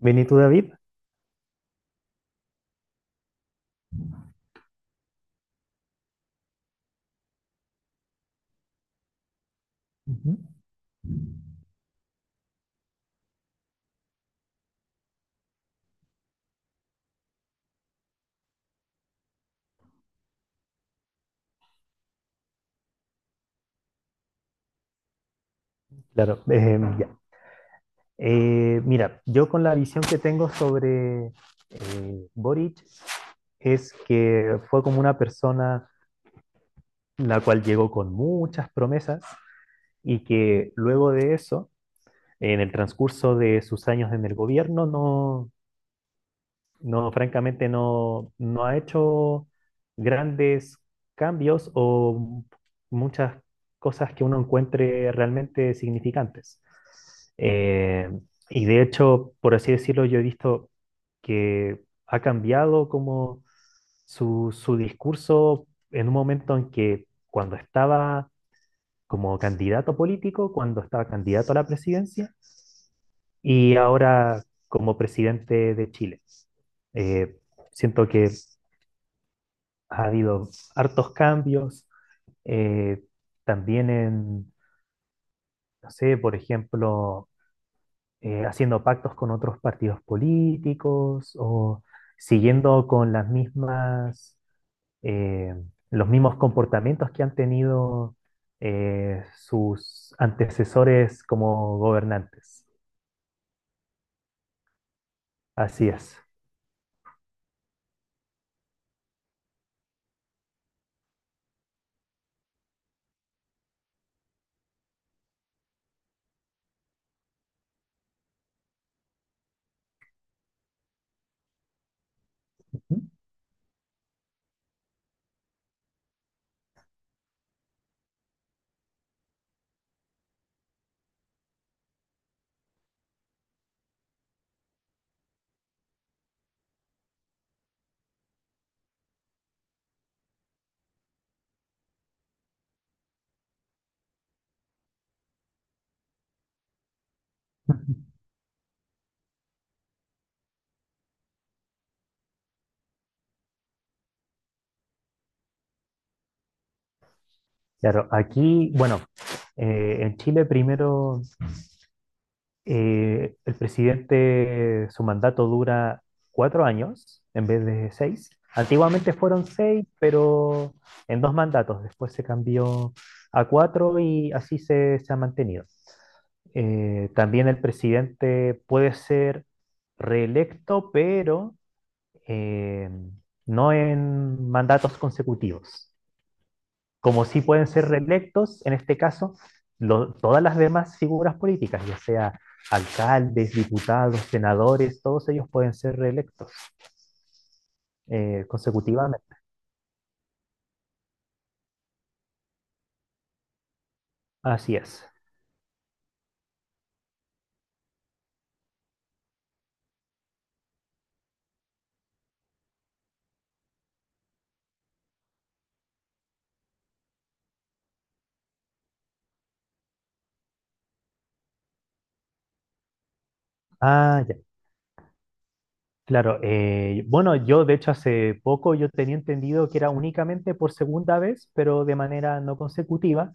Vení tú, David. Ujú. Claro, ya. Mira, yo con la visión que tengo sobre Boric es que fue como una persona la cual llegó con muchas promesas y que luego de eso, en el transcurso de sus años en el gobierno, No, francamente no, ha hecho grandes cambios o muchas cosas que uno encuentre realmente significantes. Eh, y de hecho, por así decirlo, yo he visto que ha cambiado como su discurso en un momento en que cuando estaba como candidato político, cuando estaba candidato a la presidencia y ahora como presidente de Chile. Eh, Siento que ha habido hartos cambios, eh, también en, no sé, por ejemplo, haciendo pactos con otros partidos políticos o siguiendo con las mismas, eh, los mismos comportamientos que han tenido sus antecesores como gobernantes. Así es. Claro, aquí, bueno, en Chile primero el presidente, su mandato dura 4 años en vez de seis. Antiguamente fueron seis, pero en 2 mandatos. Después se cambió a cuatro y así se ha mantenido. También el presidente puede ser reelecto, pero eh, no en mandatos consecutivos como sí pueden ser reelectos, en este caso, todas las demás figuras políticas, ya sea alcaldes, diputados, senadores, todos ellos pueden ser reelectos consecutivamente. Así es. Ah, ya. Claro, bueno, yo de hecho hace poco yo tenía entendido que era únicamente por segunda vez, pero de manera no consecutiva,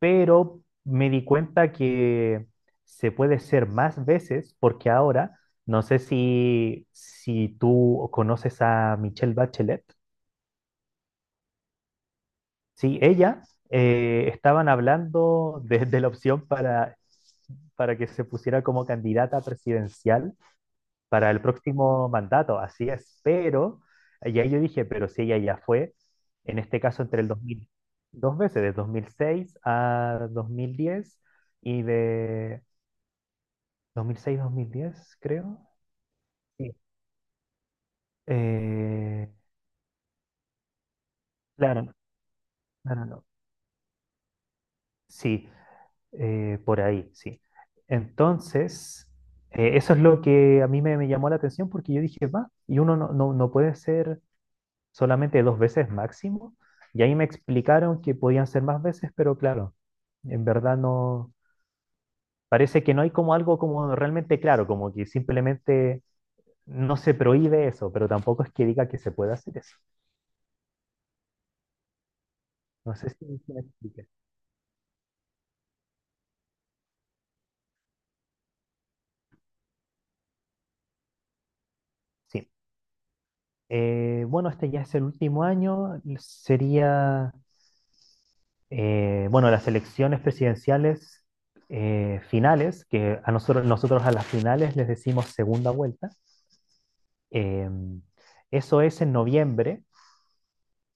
pero me di cuenta que se puede ser más veces porque ahora, no sé si tú conoces a Michelle Bachelet, sí, ella estaban hablando de la opción para que se pusiera como candidata presidencial para el próximo mandato, así es, pero, y ahí yo dije, pero si ella ya fue, en este caso entre el 2000, 2 veces, de 2006 a 2010 y de 2006-2010, creo. Sí. Eh, claro, claro, no, no, no. Sí, por ahí, sí. Entonces, eso es lo que a mí me llamó la atención porque yo dije, va, y uno no puede ser solamente 2 veces máximo. Y ahí me explicaron que podían ser más veces, pero claro, en verdad no, parece que no hay como algo como realmente claro, como que simplemente no se prohíbe eso, pero tampoco es que diga que se puede hacer eso. No sé si si me expliqué. Sí. Bueno, este ya es el último año, sería, bueno, las elecciones presidenciales finales, que a nosotros, a las finales les decimos segunda vuelta. Eh, Eso es en noviembre,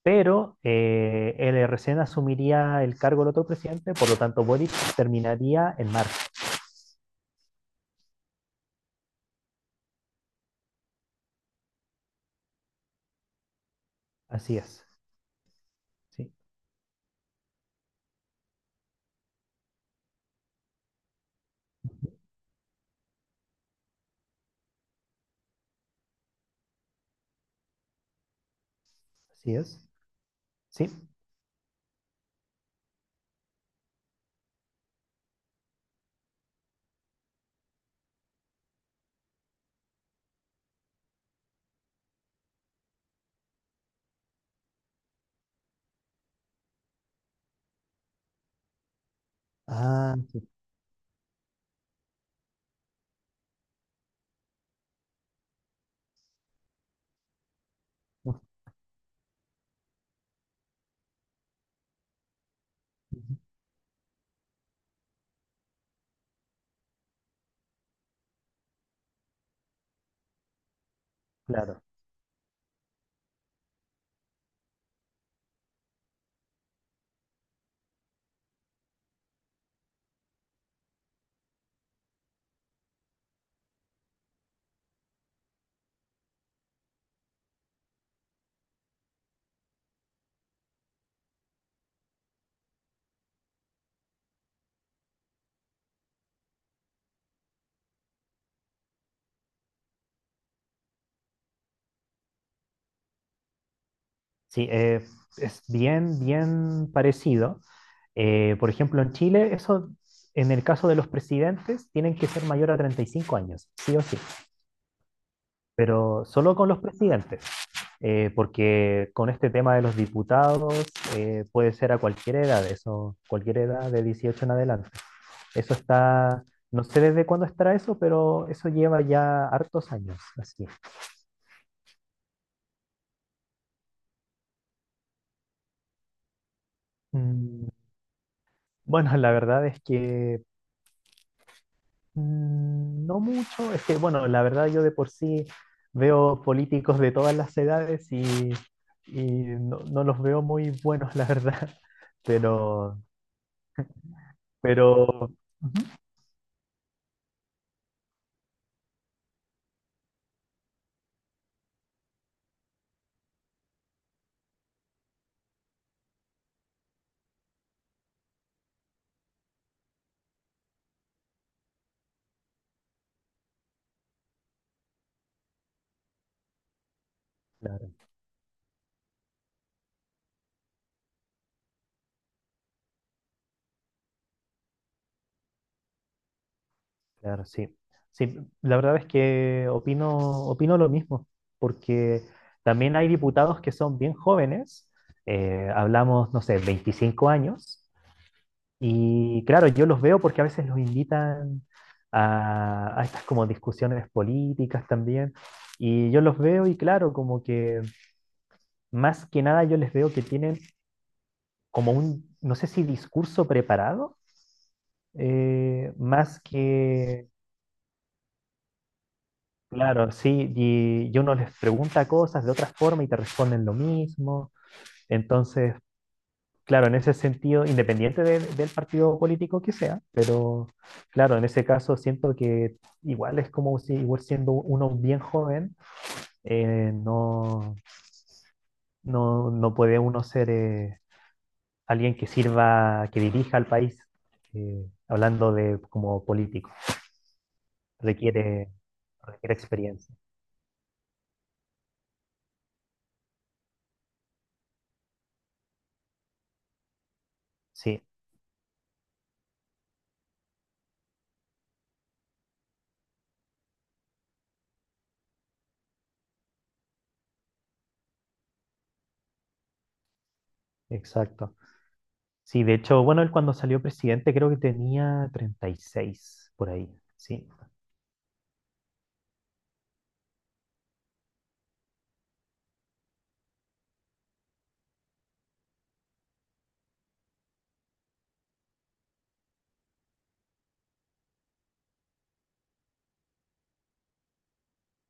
pero él recién asumiría el cargo el otro presidente, por lo tanto Boric terminaría en marzo. Así es. Sí, así es. Sí. Ah, sí. Ujú, claro. Sí, es bien, bien parecido. Por ejemplo, en Chile, eso, en el caso de los presidentes, tienen que ser mayor a 35 años, sí o sí. Pero solo con los presidentes, porque con este tema de los diputados puede ser a cualquier edad, eso, cualquier edad de 18 en adelante. Eso está, no sé desde cuándo estará eso, pero eso lleva ya hartos años, así. Mm, bueno, la verdad es que no mucho, es que, bueno, la verdad yo de por sí veo políticos de todas las edades y no, no los veo muy buenos, la verdad, pero... Pero. Ujú. Claro, claro, sí. Sí, la verdad es que opino lo mismo, porque también hay diputados que son bien jóvenes, hablamos, no sé, 25 años, y claro, yo los veo porque a veces los invitan a estas como discusiones políticas también, y yo los veo y claro, como que más que nada yo les veo que tienen como un, no sé si discurso preparado, más que Claro, sí, y uno les pregunta cosas de otra forma y te responden lo mismo. Entonces, claro, en ese sentido, independiente del partido político que sea, pero claro, en ese caso siento que igual es como si, igual siendo uno bien joven, no, no puede uno ser alguien que sirva, que dirija al país, hablando de como político. Requiere, Requiere experiencia. Sí, exacto. Sí, de hecho, bueno, él cuando salió presidente creo que tenía 36 por ahí. Sí,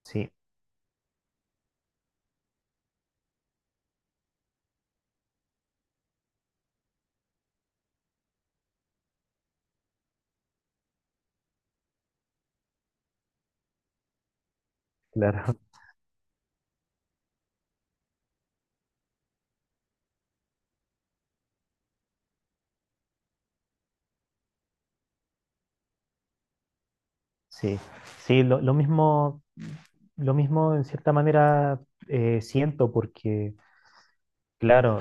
sí, claro. Sí, sí, lo mismo en cierta manera siento porque, claro,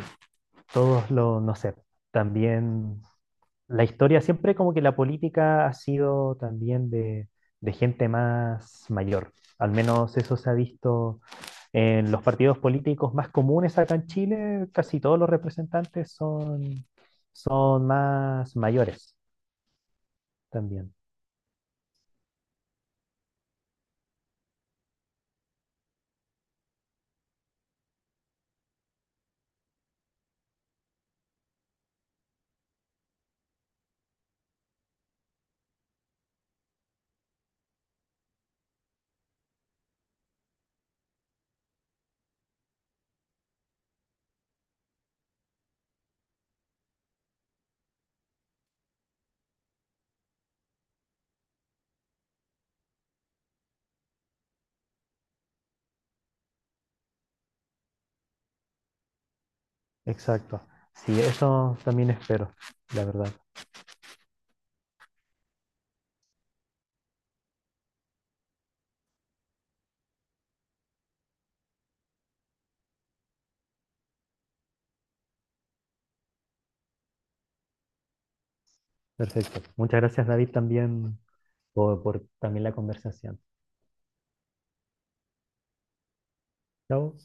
todos los, no sé, también la historia siempre como que la política ha sido también de gente más mayor. Al menos eso se ha visto en los partidos políticos más comunes acá en Chile. Casi todos los representantes son más mayores también. Exacto. Sí, eso también espero, la verdad. Perfecto. Muchas gracias, David, también por también la conversación. Chao.